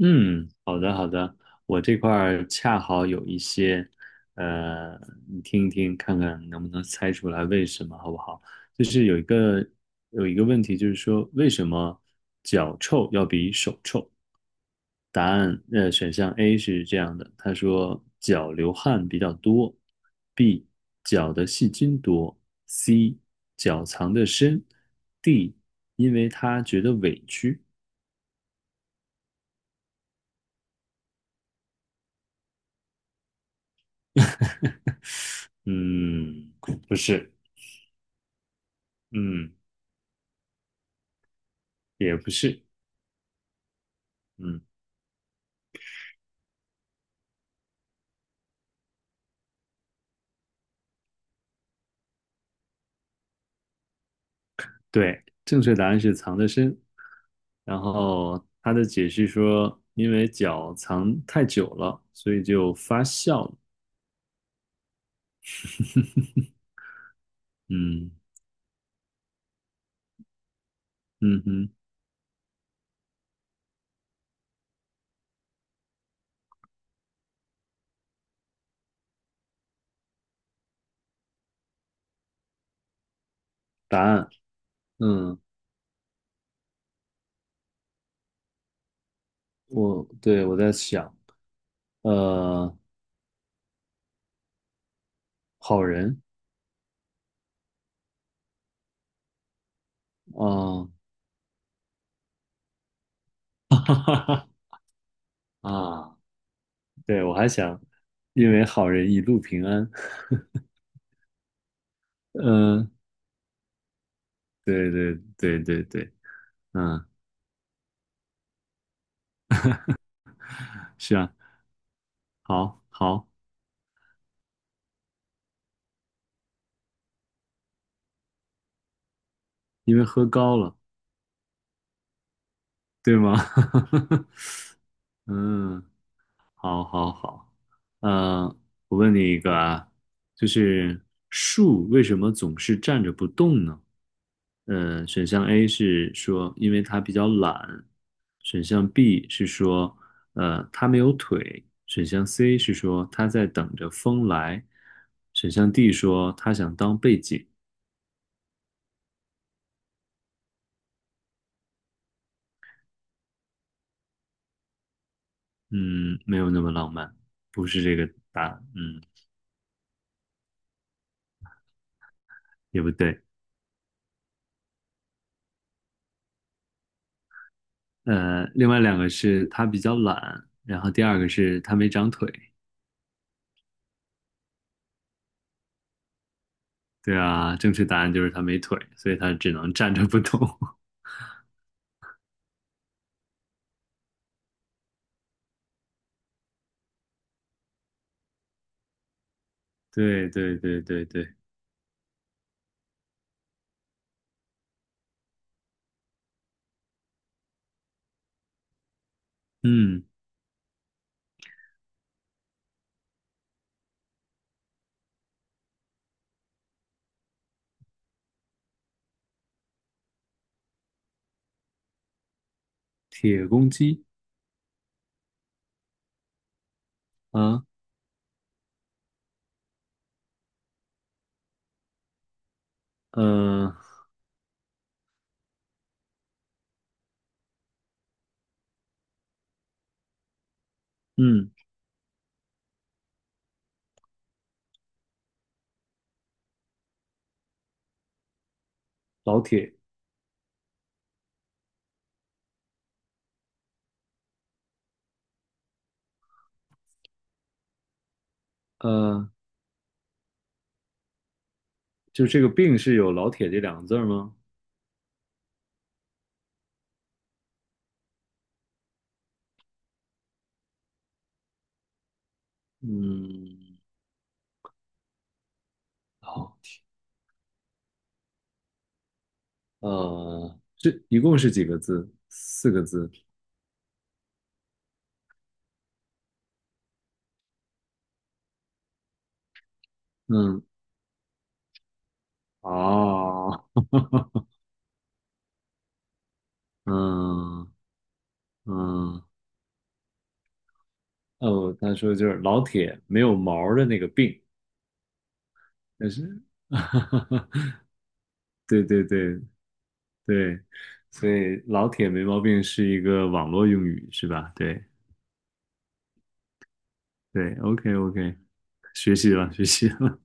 嗯，好的好的，我这块儿恰好有一些，呃，你听一听，看看能不能猜出来为什么，好不好？就是有一个问题，就是说为什么脚臭要比手臭？答案，选项 A 是这样的，他说脚流汗比较多，B 脚的细菌多，C 脚藏得深，D 因为他觉得委屈。嗯，不是，嗯。也不是，嗯，对，正确答案是藏得深。然后他的解释说，因为脚藏太久了，所以就发酵了。嗯嗯哼，答案，嗯，我在想，呃，好人，啊，哈哈哈啊，对我还想，因为好人一路平安。嗯，对对对对对，嗯，是啊，好好，因为喝高了，对吗？嗯，好，好，好。呃，我问你一个啊，就是树为什么总是站着不动呢？选项 A 是说因为它比较懒，选项 B 是说它没有腿，选项 C 是说它在等着风来，选项 D 说它想当背景。嗯，没有那么浪漫，不是这个答，案，嗯，也不对。另外两个是他比较懒，然后第二个是他没长腿。对啊，正确答案就是他没腿，所以他只能站着不动。对对对对对，嗯，铁公鸡啊，呃，嗯，老铁，呃，就这个病是有老铁这两个字儿吗？嗯，好，这一共是几个字？四个字。嗯，哦，嗯嗯。哦，他说就是老铁没有毛儿的那个病，但是，对对对对，所以老铁没毛病是一个网络用语是吧？对对，OK OK，学习了学习了，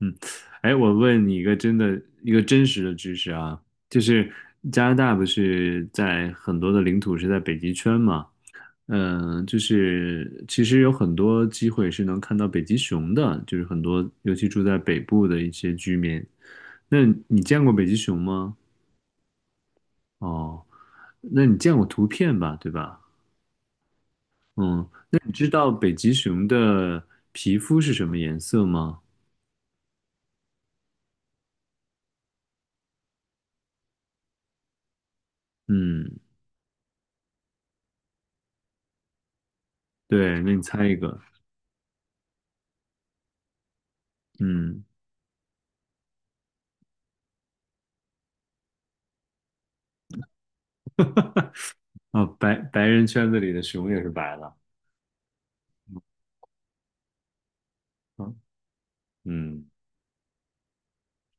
嗯，哎，我问你一个真的真实的知识啊，就是加拿大不是在很多的领土是在北极圈嘛？嗯，就是其实有很多机会是能看到北极熊的，就是很多尤其住在北部的一些居民。那你见过北极熊吗？哦，那你见过图片吧，对吧？嗯，那你知道北极熊的皮肤是什么颜色吗？嗯，对，那你猜一个，嗯。啊，白白人圈子里的熊也是白的，嗯嗯，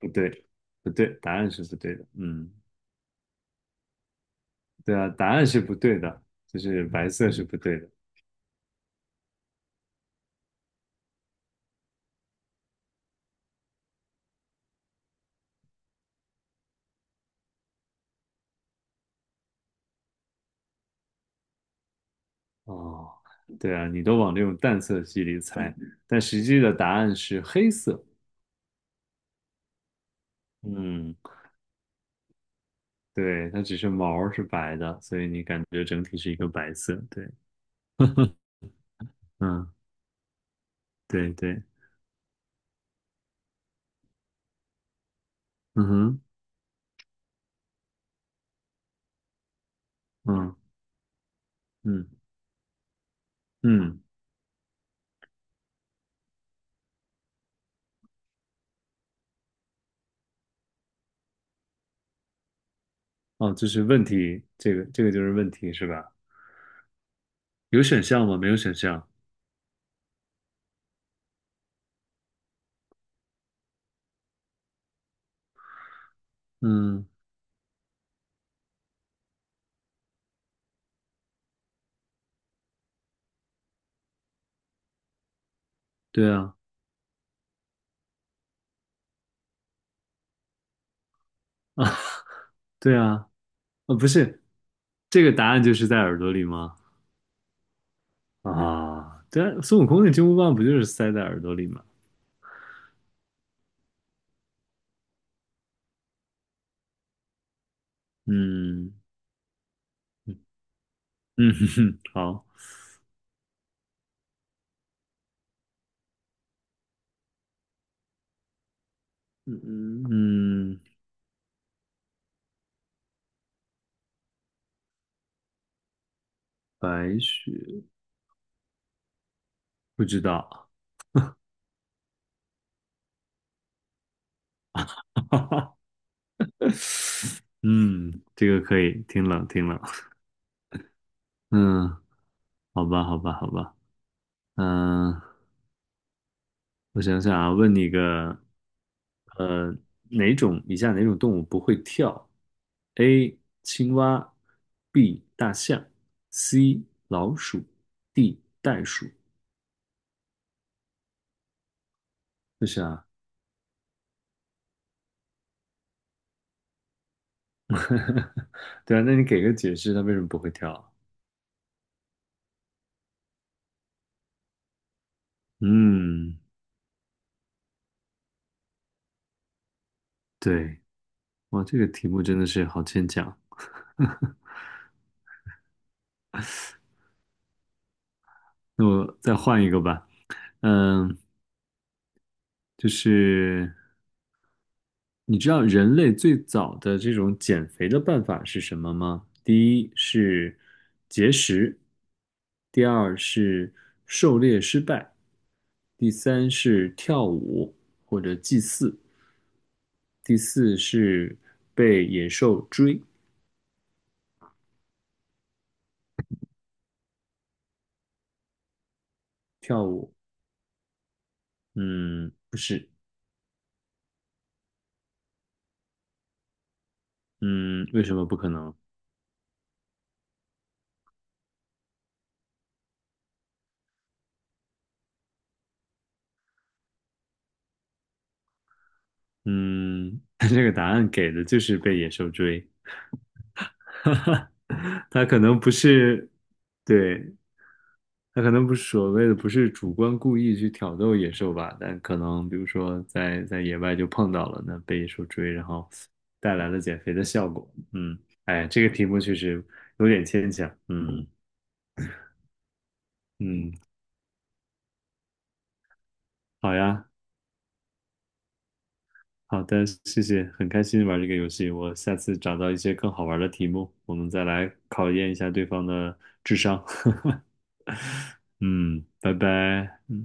不对，不对，答案是不对的，嗯，对啊，答案是不对的，就是白色是不对的，哦，对啊，你都往这种淡色系里猜，但实际的答案是黑色，嗯，对，它只是毛儿是白的，所以你感觉整体是一个白色，对，嗯，对对，嗯哼，嗯嗯嗯，哦，这是问题，这个就是问题是吧？有选项吗？没有选项。嗯，对啊，啊，对啊，啊，不是，这个答案就是在耳朵里吗？啊，对啊孙悟空的金箍棒不就是塞在耳朵里吗？嗯嗯，好，嗯嗯，白雪不知道，嗯，这个可以，挺冷挺冷，嗯，好吧好吧好吧，嗯。我想想啊，问你个，呃，哪种以下哪种动物不会跳？A. 青蛙，B. 大象，C. 老鼠，D. 袋鼠。就是啊，对啊，那你给个解释，它为什么不会跳啊？嗯，对，哇，这个题目真的是好牵强。那我再换一个吧。嗯，就是你知道人类最早的这种减肥的办法是什么吗？第一是节食，第二是狩猎失败，第三是跳舞或者祭祀，第四是被野兽追。跳舞，嗯，不是，嗯，为什么不可能？嗯，这个答案给的就是被野兽追，哈哈，它可能不是，对，他可能不是所谓的不是主观故意去挑逗野兽吧，但可能比如说在野外就碰到了，那被野兽追，然后带来了减肥的效果。嗯，哎，这个题目确实有点牵强。嗯嗯，好呀，好的，谢谢，很开心玩这个游戏。我下次找到一些更好玩的题目，我们再来考验一下对方的智商。嗯，拜拜。